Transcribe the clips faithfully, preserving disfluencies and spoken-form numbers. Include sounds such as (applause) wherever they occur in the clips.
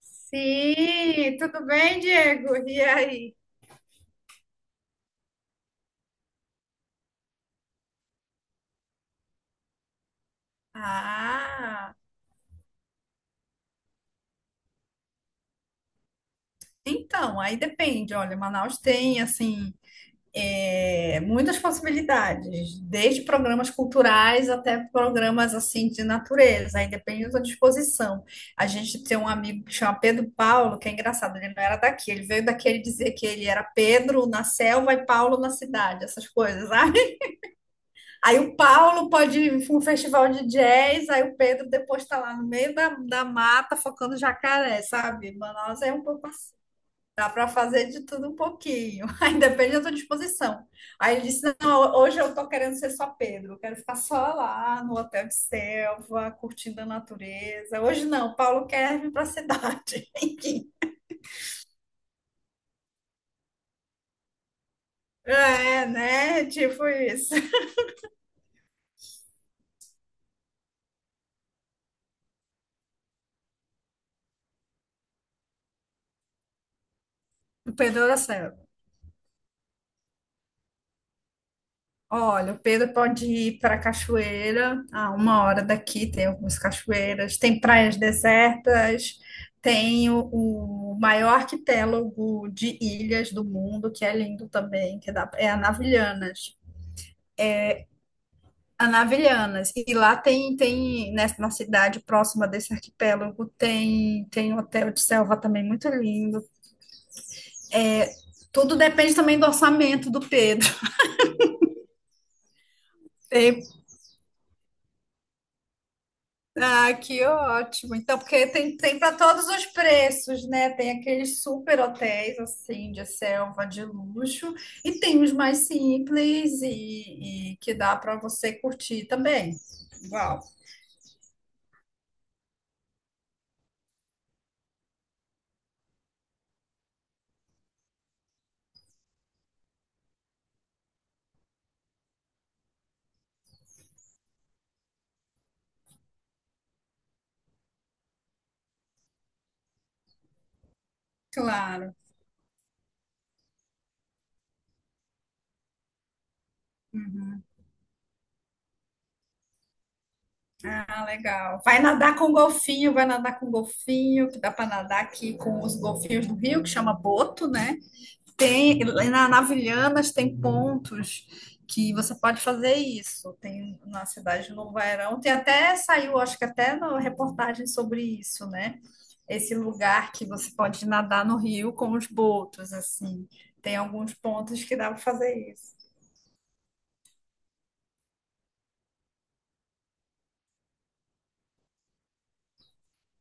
Sim, tudo bem, Diego? (laughs) E aí? Ah, então, aí depende. Olha, Manaus tem, assim, é, muitas possibilidades, desde programas culturais até programas, assim, de natureza. Aí depende da sua disposição. A gente tem um amigo que chama Pedro Paulo, que é engraçado, ele não era daqui. Ele veio daqui ele dizer que ele era Pedro na selva e Paulo na cidade, essas coisas. (laughs) Aí o Paulo pode ir para um festival de jazz, aí o Pedro depois está lá no meio da, da mata focando jacaré, sabe? Manaus é um pouco assim. Dá para fazer de tudo um pouquinho. (laughs) Aí depende da tua disposição. Aí ele disse: Não, hoje eu tô querendo ser só Pedro, eu quero ficar só lá no hotel de selva, curtindo a natureza. Hoje não, Paulo quer vir para a cidade. (laughs) Enfim. É, né? Tipo isso. O Pedro era selva. Olha, o Pedro pode ir para a cachoeira, a uma hora daqui tem algumas cachoeiras, tem praias desertas, tem o, o maior arquipélago de ilhas do mundo, que é lindo também, que dá- é Anavilhanas. Anavilhanas. E lá tem, tem nessa, na cidade próxima desse arquipélago, tem, tem um hotel de selva também muito lindo. Tudo depende também do orçamento do Pedro. (laughs) Tem Ah, que ótimo. Então, porque tem, tem para todos os preços, né? Tem aqueles super hotéis, assim, de selva, de luxo, e tem os mais simples e, e que dá para você curtir também. Uau, claro. Uhum. Ah, legal. Vai nadar com golfinho, vai nadar com golfinho, que dá para nadar aqui com os golfinhos do rio, que chama boto, né? Tem, na, na Vilhanas tem pontos que você pode fazer isso. Tem na cidade de Novo Airão, tem até saiu, acho que até na reportagem sobre isso, né? Esse lugar que você pode nadar no rio com os botos, assim. Tem alguns pontos que dá para fazer isso.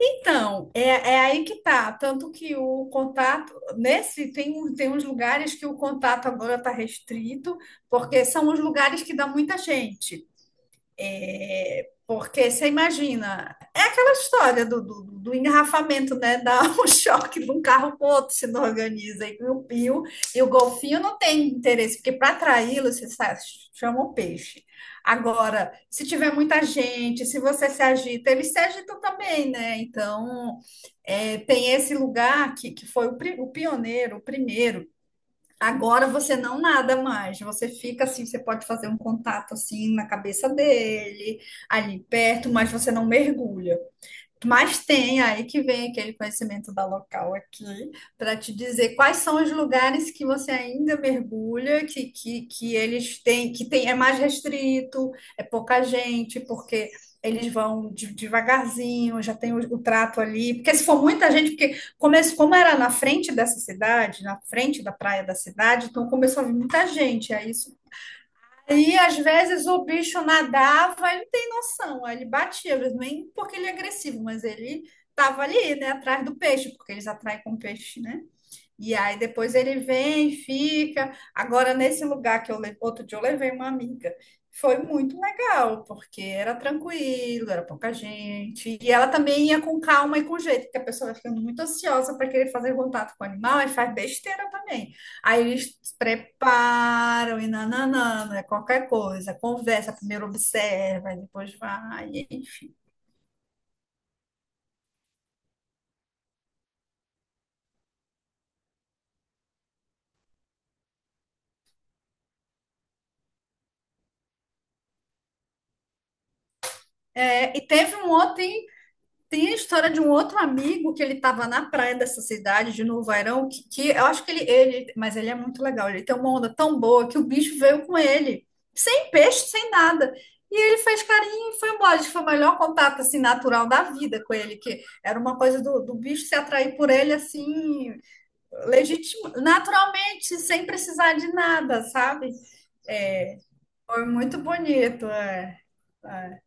Então, é, é aí que tá. Tanto que o contato, nesse, tem, um- tem uns lugares que o contato agora está restrito, porque são os lugares que dá muita gente. É, porque você imagina, a história do, do, do engarrafamento, né? (laughs) Dá um choque de um carro para o outro se não organiza. E o, e o, e o golfinho não tem interesse, porque para atraí-lo, você sabe, chama o peixe. Agora, se tiver muita gente, se você se agita, eles se agitam também, né? Então, é, tem esse lugar que, que foi o, pri- o pioneiro, o primeiro. Agora você não nada mais, você fica assim, você pode fazer um contato assim na cabeça dele, ali perto, mas você não mergulha. Mas tem aí que vem aquele conhecimento da local aqui para te dizer quais são os lugares que você ainda mergulha, que, que, que eles têm, que tem, é mais restrito, é pouca gente, porque eles vão de- devagarzinho, já tem o, o trato ali. Porque se for muita gente, porque começo, como era na frente dessa cidade, na frente da praia da cidade, então começou a vir muita gente, aí isso. Aí, às vezes, o bicho nadava, ele tem noção, aí ele batia, mas nem porque ele é agressivo, mas ele tava ali, né, atrás do peixe, porque eles atraem com peixe, né? E aí depois ele vem, fica. Agora, nesse lugar que eu levei, outro dia eu levei uma amiga. Foi muito legal, porque era tranquilo, era pouca gente. E ela também ia com calma e com jeito, porque a pessoa vai ficando muito ansiosa para querer fazer contato com o animal e faz besteira também. Aí eles se preparam e nananana, é qualquer coisa, conversa, primeiro observa, depois vai. É, e teve um outro Tem a história de um outro amigo que ele estava na praia dessa cidade, de Novo Airão, que, que eu acho que ele, ele, mas ele é muito legal, ele tem uma onda tão boa que o bicho veio com ele, sem peixe, sem nada. E ele fez carinho e foi embora. Acho que foi o melhor contato assim, natural da vida com ele, que era uma coisa do, do bicho se atrair por ele assim, legítimo, naturalmente, sem precisar de nada, sabe? É, foi muito bonito. É, é.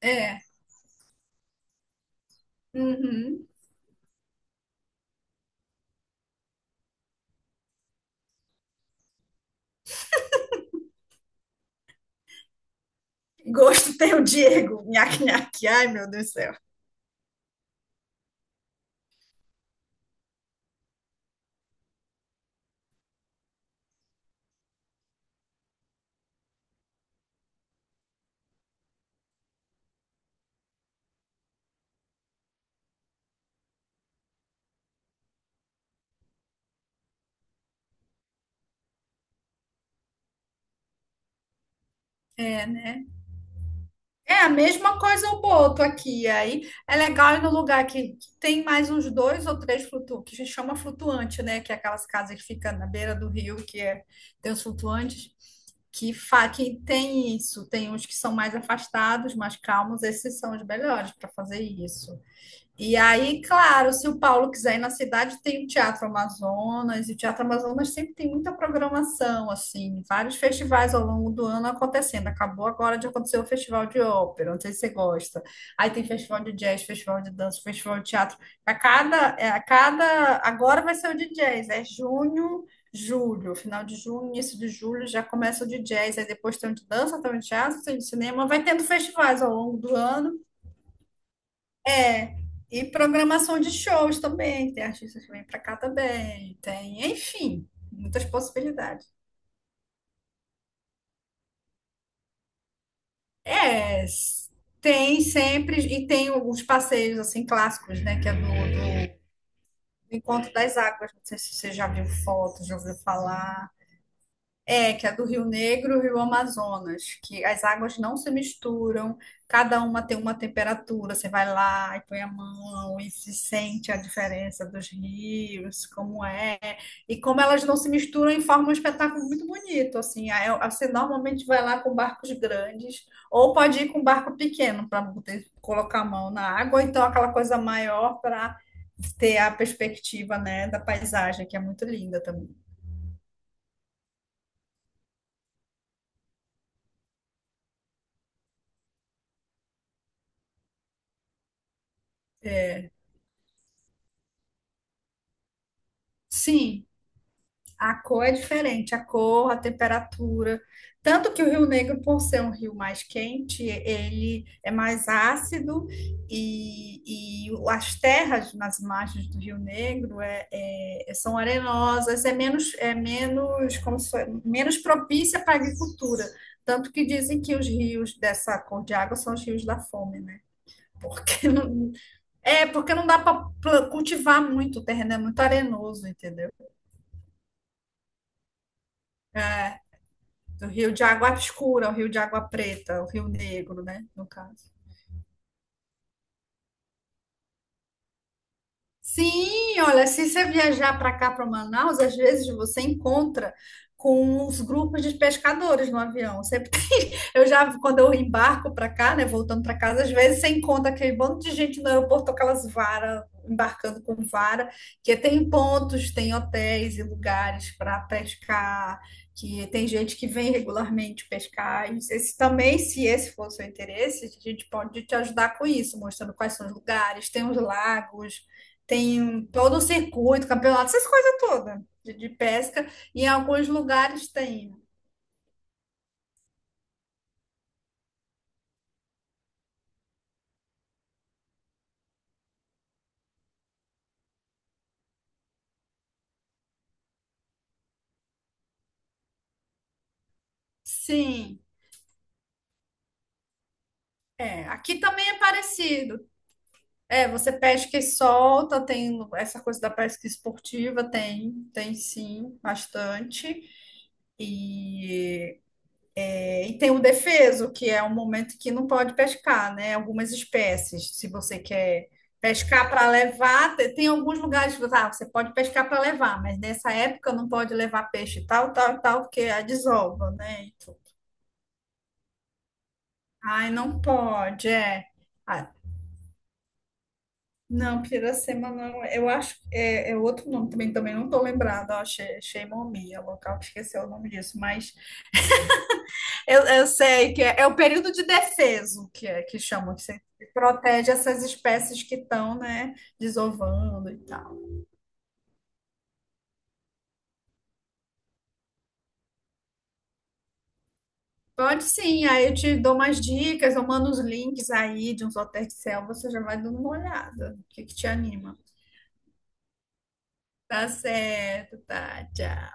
É. Uhum. Gosto (laughs) tem o Diego. Nhaque, nhaque. Ai, meu Deus do céu. É, né? É a mesma coisa o boto aqui. Aí é legal ir no lugar que, que tem mais uns dois ou três flutuantes, que a gente chama flutuante, né? Que é aquelas casas que ficam na beira do rio, que é, tem os flutuantes, que, fa, que tem isso. Tem uns que são mais afastados, mais calmos, esses são os melhores para fazer isso. E aí, claro, se o Paulo quiser ir na cidade, tem o Teatro Amazonas, e o Teatro Amazonas sempre tem muita programação, assim, vários festivais ao longo do ano acontecendo. Acabou agora de acontecer o Festival de Ópera, não sei se você gosta. Aí tem Festival de Jazz, Festival de Dança, Festival de Teatro. A cada, é, a cada, agora vai ser o de Jazz, é junho, julho, final de junho, início de julho, já começa o de Jazz, aí depois tem o de dança, tem o de teatro, tem o de cinema, vai tendo festivais ao longo do ano. É, e programação de shows também, tem artistas que vêm para cá também, tem, enfim, muitas possibilidades. É, s- tem sempre, e tem os passeios assim clássicos, né, que é do, do Encontro das Águas, não sei se você já viu fotos já ouviu falar. É, que é do Rio Negro e Rio Amazonas, que as águas não se misturam, cada uma tem uma temperatura, você vai lá e põe a mão e se sente a diferença dos rios, como é, e como elas não se misturam e formam um espetáculo muito bonito, assim. Aí você normalmente vai lá com barcos grandes, ou pode ir com barco pequeno para poder colocar a mão na água, ou então aquela coisa maior para ter a perspectiva, né, da paisagem, que é muito linda também. Sim, a cor é diferente, a cor, a temperatura. Tanto que o Rio Negro, por ser um rio mais quente, ele é mais ácido e, e as terras nas margens do Rio Negro é, é- são arenosas, é menos, é menos, como se, menos propícia para a agricultura. Tanto que dizem que os rios dessa cor de água são os rios da fome, né? Porque não, é porque não dá para cultivar muito, o terreno é muito arenoso, entendeu? O rio de água escura, o rio de água preta, o rio negro, né? No caso. Sim, olha, se você viajar para cá, para Manaus, às vezes você encontra com os grupos de pescadores no avião. Sempre tem. (laughs) Eu já, quando eu embarco para cá, né, voltando para casa, às vezes você encontra aquele bando de gente no aeroporto com aquelas varas, embarcando com vara, que tem pontos, tem hotéis e lugares para pescar, que tem gente que vem regularmente pescar. E esse, também, se esse for o seu interesse, a gente pode te ajudar com isso, mostrando quais são os lugares, tem os lagos. Tem um- todo o circuito, campeonato, essas coisas todas de, de pesca. E em alguns lugares tem. Sim, é. Aqui também é parecido. É, você pesca e solta, tem essa coisa da pesca esportiva, tem, tem sim, bastante. E É, E tem o defeso, que é um momento que não pode pescar, né? Algumas espécies, se você quer pescar para levar, te- tem alguns lugares que você ah, você pode pescar para levar, mas nessa época não pode levar peixe tal, tal, tal, porque a desova, né? E tu- Ai, não pode, é. Ah, não, piracema não, eu acho, é, é outro nome também, também não estou lembrada, ó, She- Sheimomi, é o local que esqueceu o nome disso, mas Eu, eu sei que é, é o período de defeso que é que chamam, que você protege essas espécies que estão, né, desovando e tal. Pode sim, aí eu te dou umas dicas, eu mando os links aí de uns hotéis de selva, você já vai dando uma olhada. O que que te anima? Tá certo, tá, tchau.